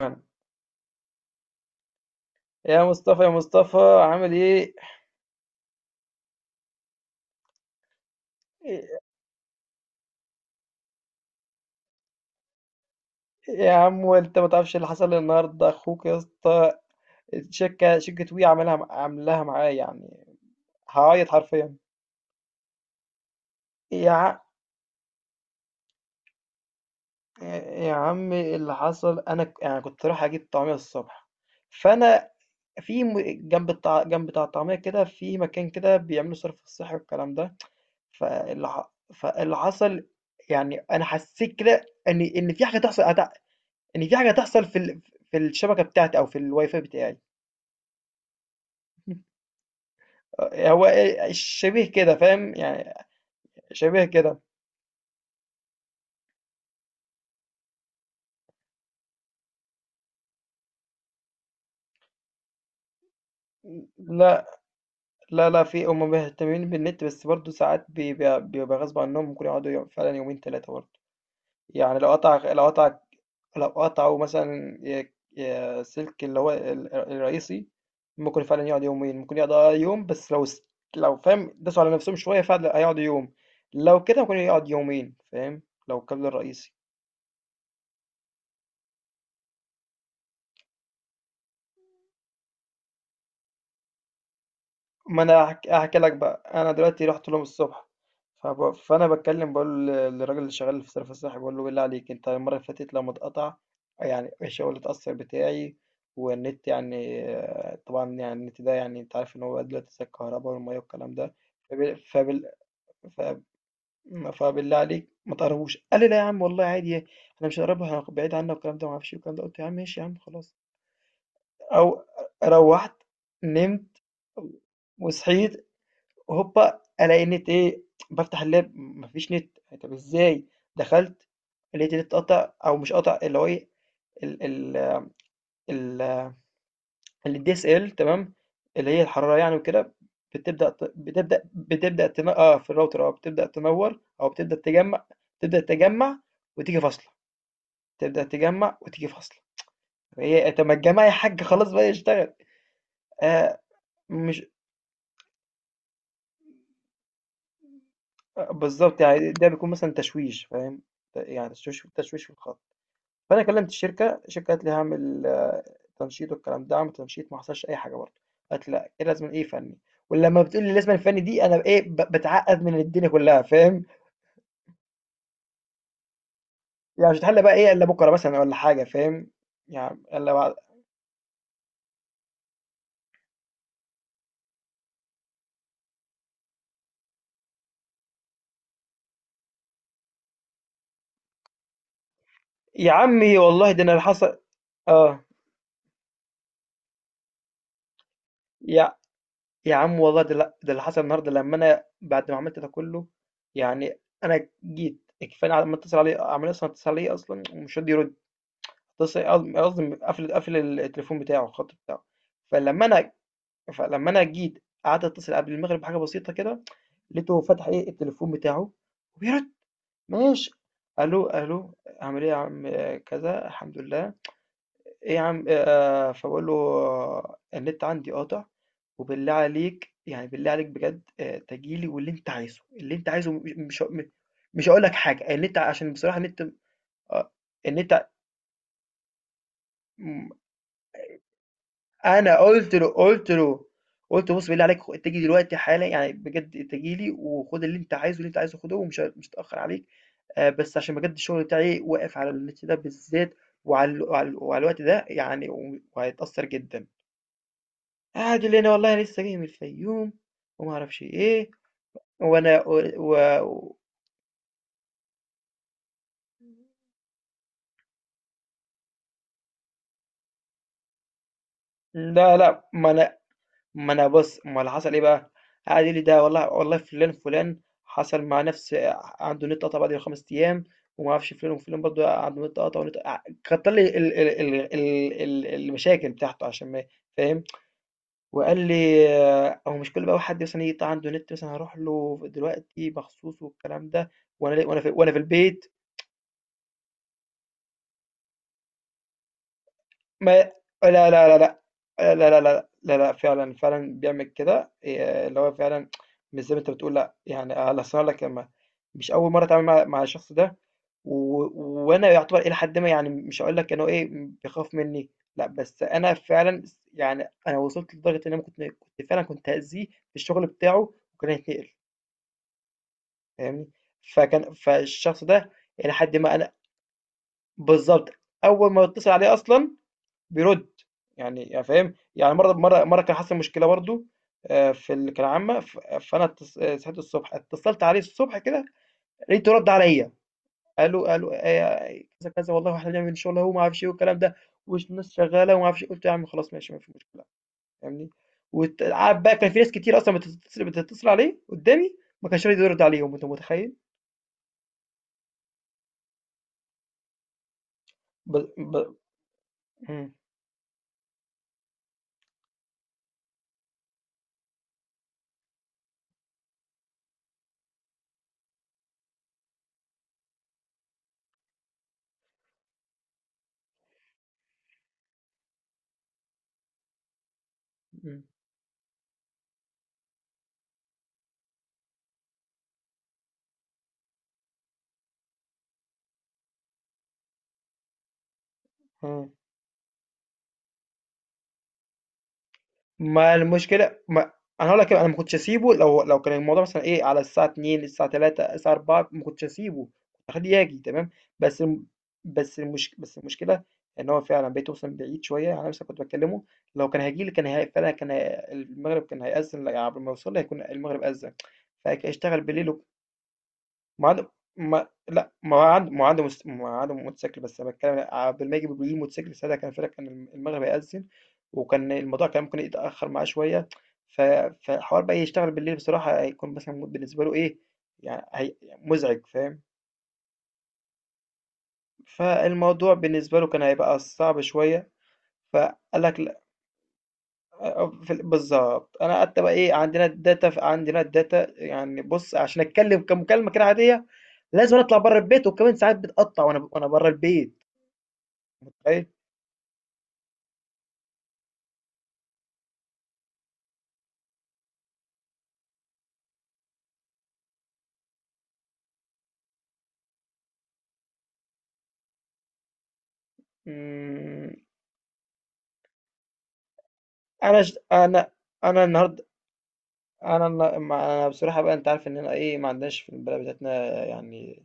فعلًا. يا مصطفى، عامل إيه؟ إيه يا عم وأنت ما تعرفش اللي حصل لي النهارده أخوك يا اسطى. الشركة شركة وي عاملاها معايا يعني. هاعيط حرفيًا. يا ع... يا عم اللي حصل، أنا يعني كنت رايح أجيب طعمية الصبح، فأنا في م- جنب جنب بتاع الطعمية كده، في مكان كده بيعملوا صرف صحي والكلام ده. فاللي حصل، يعني أنا حسيت كده إن في حاجة تحصل، إن في حاجة تحصل في في الشبكة بتاعتي أو في الواي فاي بتاعي. هو إيه، شبيه كده، فاهم؟ يعني شبيه كده. لأ، لأ، لأ، في هم مهتمين بالنت، بس برضه ساعات بيبقى غصب عنهم، ممكن يقعدوا فعلًا يومين 3 برضه. يعني لو لو قطعوا مثلًا ي ي سلك اللي هو الرئيسي، ممكن فعلًا يقعد يومين، ممكن يقعد آه يوم. بس لو س لو فاهم داسوا على نفسهم شوية فعلًا هيقعدوا يوم، لو كده ممكن يقعد يومين، فاهم؟ لو الكابل الرئيسي. ما انا هحكي لك بقى، انا دلوقتي رحت لهم الصبح. فانا بتكلم، بقول للراجل اللي شغال في صرف الصحي، بقول له بالله عليك، انت المره اللي فاتت لما اتقطع، يعني الشغل اتاثر، بتاعي والنت يعني آه، طبعا يعني النت ده يعني انت عارف ان هو دلوقتي زي الكهرباء والميه والكلام ده. فب... فبال... فب... فبالله عليك ما تقربوش. قال لي لا يا عم، والله عادي، انا مش هقربها، بعيد عنها والكلام ده ما اعرفش إيه والكلام ده. قلت يا عم ماشي يا عم خلاص. او روحت، نمت، وصحيت، هوبا ألاقي النت إيه، بافتح اللاب ما فيش نت. طب إزاي؟ دخلت لقيت النت قطع أو مش قطع، اللي هو إيه، ال ال ال الدي اس ال DSL، تمام؟ اللي هي الحرارة يعني وكده، بتبدأ ت- بتبدأ بتبدأ تن... اه في الراوتر، اه بتبدأ تنور أو بتبدأ تجمع، تبدأ تجمع وتيجي فاصلة، تبدأ تجمع وتيجي فاصلة. هي طب ما الجماعة يا حاج خلاص بقى يشتغل. آه. مش آه، بالظبط، يعني ده بيكون مثلا تشويش، فاهم؟ يعني تشويش، في الخط. فأنا كلمت الشركة، الشركة قالت لي هاعمل تنشيط والكلام ده، عملت تنشيط ما حصلش أي حاجة برضه، قالت لأ إيه لازمًا إيه فني. ولمّا بتقول لي لازمًا فني دي، أنا إيه، باتعقد من الدنيا كلها، فاهم؟ يعني مش هتحل بقى إيه إلا بكرة مثلًا والّا حاجة، فاهم؟ يعني إلا بعد. يا عمي والله ده أنا اللي حصل. آه، يا يا عم والله ده لأ، ده اللي حصل النهارده، لمّا أنا بعد ما عملت ده كله، يعني أنا جيت كفاية. أنا لمّا أتصل عليه عمال أصلًا، أتصل عليه أصلًا ومش راضي يرد. اتص قصد قصدي قافل، التليفون بتاعه، الخط بتاعه. فلمّا أنا فلمّا أنا جيت قعدت أتصل قبل المغرب بحاجة بسيطة كده، لقيته فتح إيه التليفون بتاعه وبيرد. ماشي، ألو، ألو، عامل إيه يا عم، آه، كذا، الحمد لله، إيه يا عم. فباقول له آه، النت عندي قاطع، وبالله عليك يعني، بالله عليك بجد، تيجي لي واللي أنت عايزه، اللي أنت عايزه، م مش ه م مش هاقول لك حاجة، النت عشان بصراحة النت آه، النت م انا قلت له، قلت له بص بالله عليك، انت تيجي دلوقتي حالا، يعني بجد انت تيجي لي وخد اللي انت عايزه، اللي انت عايزه خده، مش هتاخر عليك، آه، بس عشان بجد الشغل بتاعي واقف على النت ده بالذات، وعلى وعلى الوقت ده يعني، وهيتأثر جدا. قاعد يقول لي انا والله لسه جاي من الفيوم وما اعرفش ايه، وانا و... و... لا لا ما انا، ما أنا بُص، ما اللي حصل إيه بقى، قعد يقول لي ده والله والله فُلان، فُلان حصل معاه نفس، عنده النت قطع بعد 5 أيام، وما أعرفش فُلان وفُلان برضه عنده النت قطع، والنت ع كتّر لي ال ال ال ال ال المشاكل بتاعته عشان ما فاهم، وقال لي آه، هو مش كل بقى حد مثلًا يقطع عنده نت مثلًا هاروح له دلوقتي مخصوص والكلام ده، وأنا في البيت. ما لا لا لا لأ، لا لا لا لا لأ، فعلًا، فعلًا بيعمل كده، اللي هو فعلًا مش زي ما أنت بتقول، لأ، يعني على أصل هاقول لك، أنا مش أول مرّة أتعامل مع الشخص ده. و وأنا يعتبر إلى حدٍ ما، يعني مش هاقول لك إن هو إيه، بيخاف منّي، لأ، بس أنا فعلًا يعني أنا وصلت لدرجة إن أنا كنت، كنت فعلًا كنت هأذيه في الشغل بتاعه وكان هيتنقل، فاهمني؟ فالشخص ده إلى حدٍ ما أنا، بالضبط. أول ما باتصل عليه أصلًا بيرد، يعني يعني فاهم، يعني مره مره مره كان حصل مشكله برضو، آه، في اللي كان عامه آه، صحيت الصبح، اتصلت عليه الصبح كده لقيته رد عليا، قالوا آه، كذا كذا والله احنا بنعمل شغل اهو ما اعرفش ايه والكلام ده، والناس شغاله وما اعرفش إيه. قلت يا عم خلاص ماشي ما في مشكله، فاهمني؟ وقعد بقى، كان في ناس كتير اصلا بتتصل عليه قدامي ما كانش راضي يرد عليهم، انت متخيل؟ ب... ب... مم. مم. ما المشكلة ما انا هقول لك إيه، انا ما كنتش اسيبه، لو لو كان الموضوع مثلا ايه على الساعة 2 الساعة 3 الساعة 4، ما كنتش اسيبه، كنت اخليه يجي تمام. بس الم- بس المشكلة ان هو فعلا بقيت اوصل بعيد شوية، انا لسه كنت بكلمه، لو كان هيجي لي كان فعلا كان المغرب كان هيأذن، لا، قبل ما يوصل لي هيكون المغرب أذن، فهيشتغل بالليل. ما عاد ما لأ، ما هو عند ما هو عنده مس ما هو عنده موتوسيكل، بس أنا باتكلم عبد المجيد بيجيب الموتوسيكل، ساعتها كان الفرق، كان المغرب هيأذن، وكان الموضوع كان ممكن يتأخر معاه شوية، ف فحوار بقى يشتغل بالليل بصراحة، هيكون مثلًا بالنسبة له إيه، يعني هي مزعج، فاهم؟ فالموضوع بالنسبة له كان هيبقى صعب شوية، فقال لك آه، آه، بالظبط، انا قعدت بقى ايه، عندنا الداتا، عندنا الداتا، يعني بص عشان اتكلم كمكالمه كده عاديه، لازم اطلع بره البيت، وكمان ساعات بتقطع وانا، بره البيت، متخيل؟ مم، انا ش... انا انا النهارده انا انا بصراحه بقى، انت عارف اننا ايه، ما عندناش في البلد بتاعتنا يعني،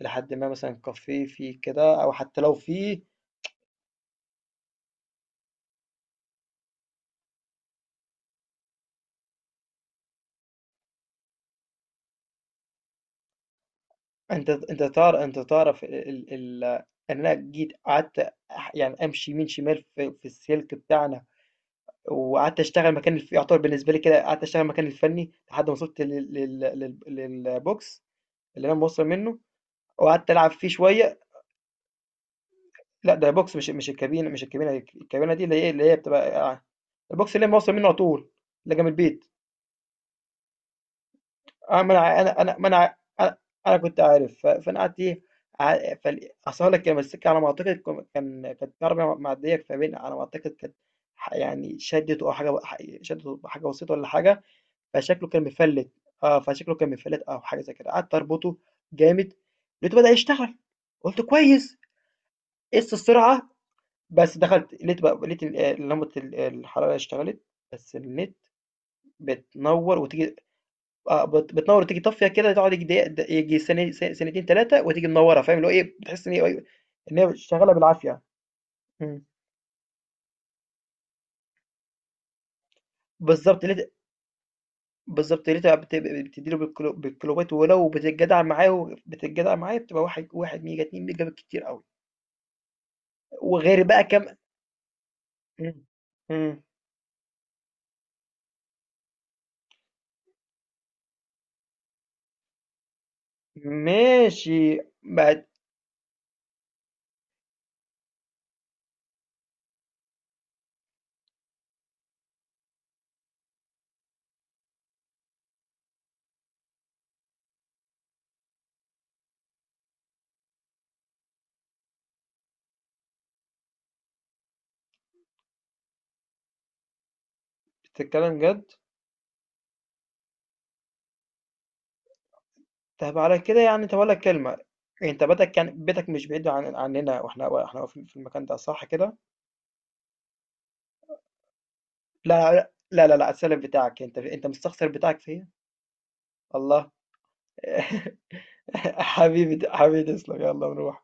لحد ما مثلا كافيه فيه كده، او حتى لو فيه. انت انت تعرف انت تعرف ال... ال... ال... ان انا جيت قعدت، يعني امشي يمين شمال في السلك بتاعنا، وقعدت اشتغل مكان يعتبر بالنسبه لي كده، قعدت اشتغل مكان الفني لحد ما وصلت للبوكس اللي انا موصل منه، وقعدت العب فيه شويه. لا، ده بوكس مش، الكابينه، الكابينه دي اللي هي، بتبقى آه، البوكس اللي انا موصل منه على طول، اللي جنب البيت. اه، ما انا انا أنا كنت عارف، ف- فانا قعدت ايه، اصل لك كان السكه على ما اعتقد كانت عربيه معديه فبين على ما اعتقد كانت يعني شدت او حاجه، شدت حاجه بسيطه ولا حاجه، فشكله كان مفلّت. آه، فشكله كان مفلّت أو حاجة زي كده، قعدت أربطه جامد، لقيته بدأ يشتغل، قُلت كويس، قِس السرعة. بس دخلت لقيت بقى لقيت آه، لمبة آه، الحرارة اشتغلت، بس النت بتنوّر وتيجي، آه، بتنوّر وتيجي طافية كده، تقعد ييجي دقيقة، ييجي ثاني، ثانيتين 3، وتيجي منوّرة، فاهم؟ اللي هو إيه، بتحس إن هي شغّالة بالعافية. إمم، بالضبط لقيت، بالضبط لقيتها بتدّي له بالكيلو، بالكيلووات، ولو بتتجدع معاه، وبتتجدع معاه بتبقى 1 ميجا 2 ميجا بالكتير أوي. وغير بقى كام. إمم. إمم. ماشي، بقت بتتكلم جد؟ طب على كده يعني، طب أقول لك كلمة، أنت بيتك يعني، بيتك مش بعيد عن عننا، وإحنا في المكان ده، صح كده؟ لا، لأ، لا، لا، لأ، السلم بتاعك، أنت مستخسر بتاعك فيّا؟ الله! حبيبي حبيبي تسلم، يالّا نروح.